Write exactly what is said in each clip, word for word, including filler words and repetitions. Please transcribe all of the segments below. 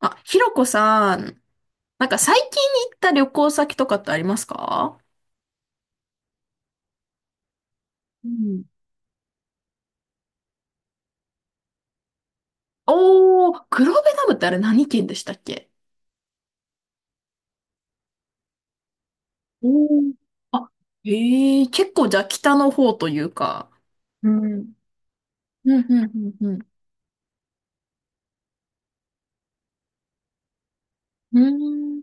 あ、ひろこさん、なんか最近行った旅行先とかってありますか？うん。おー、黒部ダムってあれ何県でしたっけ？おー、あ、へえ、結構じゃあ北の方というか。うん。うん、うん、うん、うん。う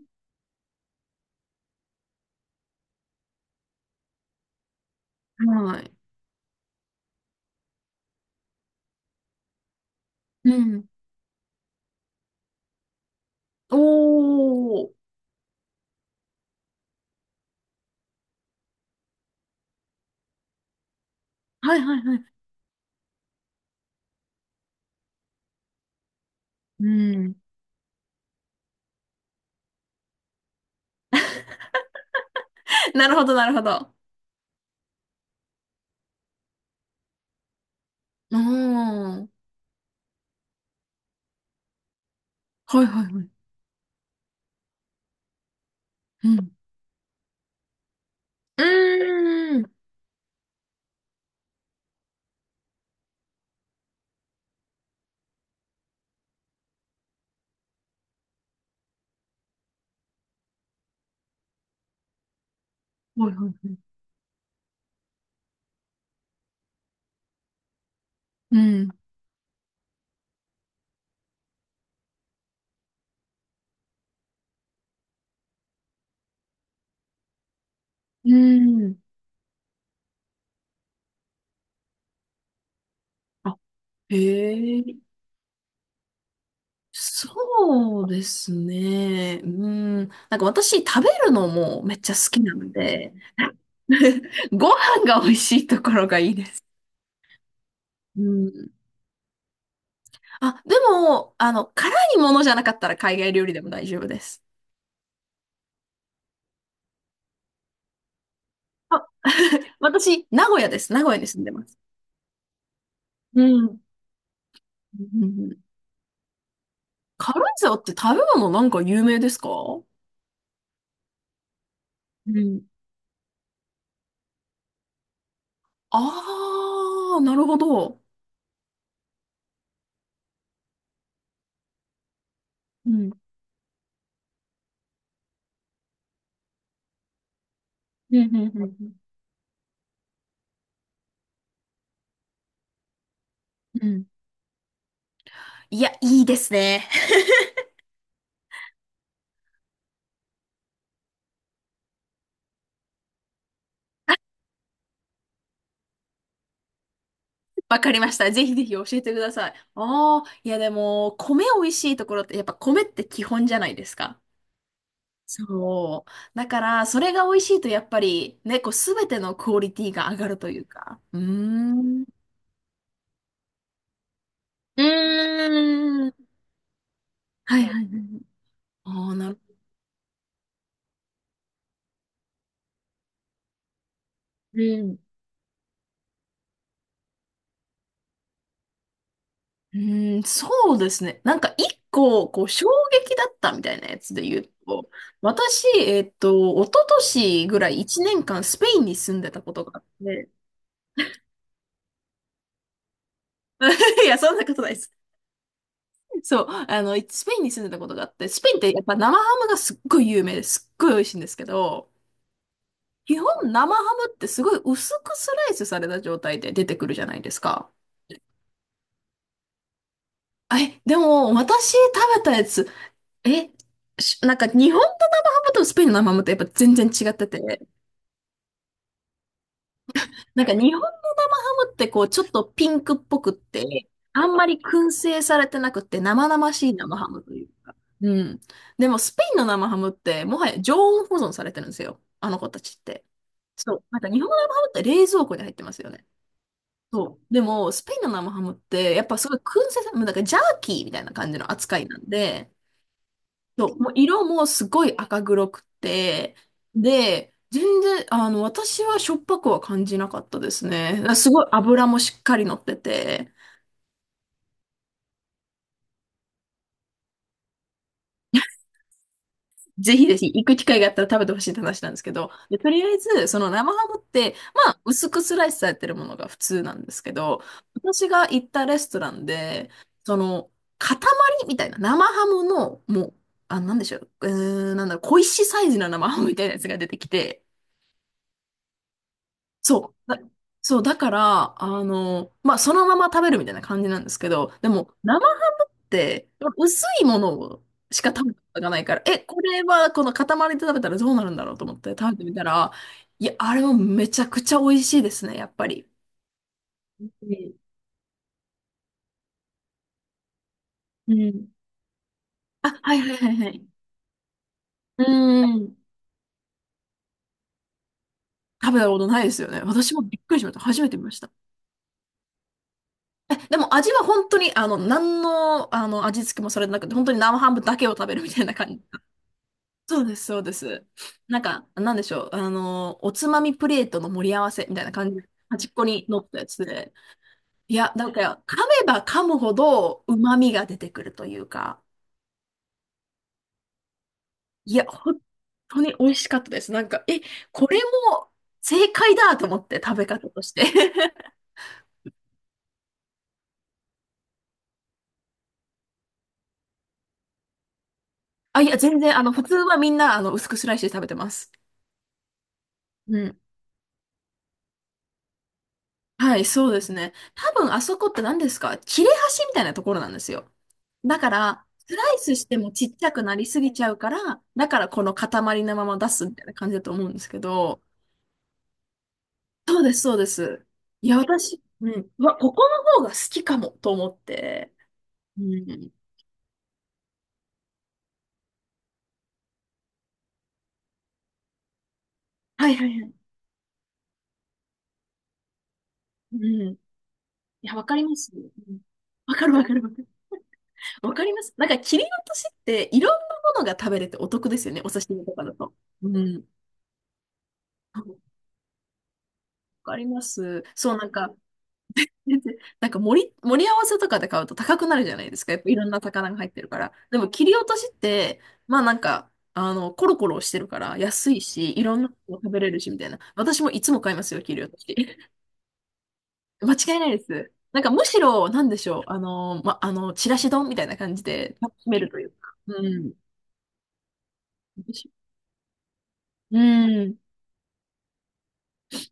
ーん。はい。うん。おー。はい、はい、はい。うん。なるほど、なるほど。うーん。はい、はい、はい。うん。うーん。はい、はい、はい。うん。うん。あ、へえ。そうですね。うん。なんか私食べるのもめっちゃ好きなので、ご飯が美味しいところがいいです。うん。あ、でも、あの、辛いものじゃなかったら海外料理でも大丈夫です。あ、私、名古屋です。名古屋に住んでます。うん。うんうん、軽井沢って食べ物なんか有名ですか？うん。ああ、なるほど。うん。うん、うん、うん。うん。うん、いや、いいですね。わかりました。ぜひぜひ教えてください。ああ、いやでも、米美味しいところって、やっぱ米って基本じゃないですか。そう。だから、それが美味しいと、やっぱり、ね、こう、すべてのクオリティが上がるというか。うーん。うーん。はいはいはい。ああ、なるうん。うーん、そうですね。なんか一個、こう、衝撃だったみたいなやつで言うと、私、えっと、一昨年ぐらいいちねんかんスペインに住んでたことがあって、いや、そんなことないです。そう、あの、スペインに住んでたことがあって、スペインってやっぱ生ハムがすっごい有名ですっごい美味しいんですけど、基本生ハムってすごい薄くスライスされた状態で出てくるじゃないですか。え、でも私食べたやつ、え、しなんか日本の生ハムとスペインの生ハムってやっぱ全然違ってて、なんか日本ってこう、ちょっとピンクっぽくって、あんまり燻製されてなくて、生々しい生ハムというか。うん。でも、スペインの生ハムって、もはや常温保存されてるんですよ。あの子たちって。そう。なんか日本の生ハムって冷蔵庫に入ってますよね。そう。でも、スペインの生ハムって、やっぱすごい燻製さ、もうなんかジャーキーみたいな感じの扱いなんで、そう、もう色もすごい赤黒くて、で、全然、あの、私はしょっぱくは感じなかったですね。すごい油もしっかり乗ってて、ぜひぜひ行く機会があったら食べてほしいって話なんですけど、で、とりあえず、その生ハムって、まあ、薄くスライスされてるものが普通なんですけど、私が行ったレストランで、その、塊みたいな、生ハムの、もう、あ、なんでしょう、うーん、なんだろう、小石サイズの生ハムみたいなやつが出てきて、そう。だ、そう、だから、あの、まあ、そのまま食べるみたいな感じなんですけど、でも、生ハムって、薄いものをしか食べたことがないから、え、これは、この塊で食べたらどうなるんだろうと思って食べてみたら、いや、あれもめちゃくちゃ美味しいですね、やっぱり。あ、はいはいはいはい。うーん。食べたことないですよね。私もびっくりしました。初めて見ました。え、でも味は本当に、あの、何の、あの、味付けもされてなくて、本当に生ハムだけを食べるみたいな感じ。そうです、そうです。なんか、なんでしょう。あの、おつまみプレートの盛り合わせみたいな感じで、端っこに乗ったやつで。いや、だから噛めば噛むほど旨味が出てくるというか、いや、本当に美味しかったです。なんか、え、これも正解だと思って、食べ方として。あ、いや、全然、あの、普通はみんな、あの、薄くスライスで食べてます。うん。はい、そうですね。多分あそこって何ですか、切れ端みたいなところなんですよ。だから、スライスしてもちっちゃくなりすぎちゃうから、だからこの塊のまま出すみたいな感じだと思うんですけど、そうです、そうです。いや、私、うん、うわ、ここの方が好きかもと思って。うん。はいはいはい。うん。いや、わかります。うん、わかるわかるわかる。わかります。なんか切り落としっていろんなものが食べれてお得ですよね。お刺身とかだと。うん。わかります。そう、なんか、全然なんか盛り、盛り合わせとかで買うと高くなるじゃないですか。やっぱいろんな魚が入ってるから。でも切り落としって、まあなんか、あの、コロコロしてるから安いし、いろんなの食べれるしみたいな。私もいつも買いますよ、切り落とし。間違いないです。なんかむしろ、なんでしょう、あの、ま、あの、ちらし丼みたいな感じで楽しめるというか。うん。うん。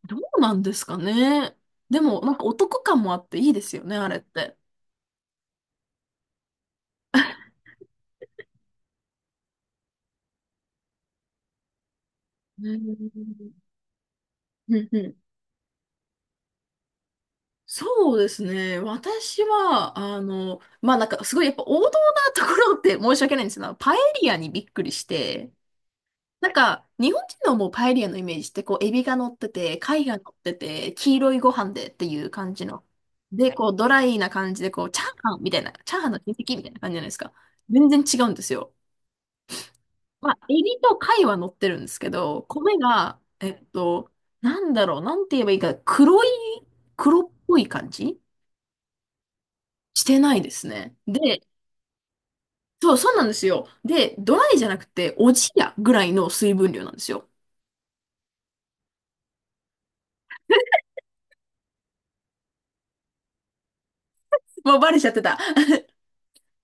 どうなんですかね。でも、なんかお得感もあっていいですよね、あれって。うん。うん、うん、そうですね。私は、あの、まあなんかすごいやっぱ王道なところって申し訳ないんですけど、パエリアにびっくりして、なんか日本人のもうパエリアのイメージってこうエビが乗ってて、貝が乗ってて、黄色いご飯でっていう感じの。で、こうドライな感じでこうチャーハンみたいな、チャーハンの親戚みたいな感じじゃないですか。全然違うんですよ。まあエビと貝は乗ってるんですけど、米が、えっと、なんだろう、なんて言えばいいか、黒い、黒っぽい感じしてないですね。で、そう、そうなんですよ。で、ドライじゃなくて、おじやぐらいの水分量なんですよ。もうバレちゃってた。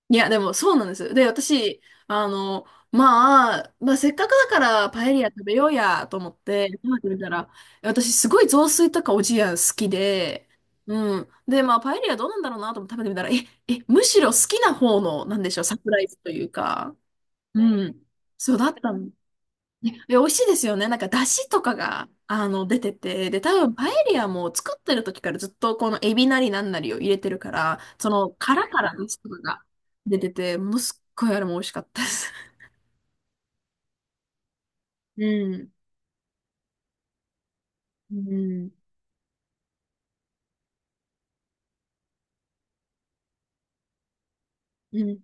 いや、でもそうなんです。で、私、あの、まあ、まあ、せっかくだからパエリア食べようやと思って食べてみたら、私すごい雑炊とかおじや好きで、うん。で、まあ、パエリアどうなんだろうなと思って食べてみたら、え、え、むしろ好きな方の、なんでしょう、サプライズというか、うん。そうだったの。ねで美味しいですよね。なんか、出汁とかが、あの、出てて、で、多分、パエリアも作ってる時からずっと、このエビなりなんなりを入れてるから、その、殻から出汁とかが出てて、ものすっごいあれも美味しかったです。うん。うん。うん。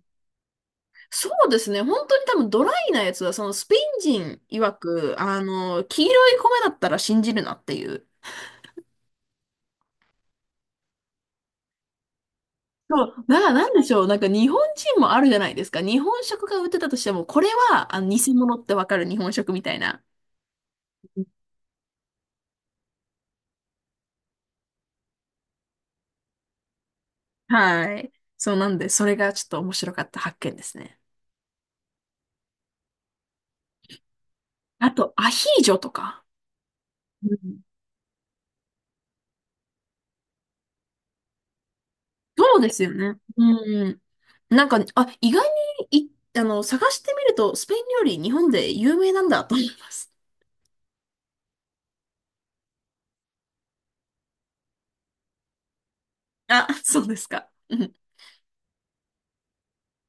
そうですね。本当に多分、ドライなやつは、その、スペイン人曰く、あの、黄色い米だったら信じるなっていう。そう、だからなんでしょう、なんか日本人もあるじゃないですか。日本食が売ってたとしても、これはあの偽物ってわかる日本食みたいな。はい。そうなんで、それがちょっと面白かった発見ですね。あと、アヒージョとか。うん、そうですよね。うん。なんか、あ、意外に、い、あの、探してみると、スペイン料理、日本で有名なんだと思います。あ、そうですか。うん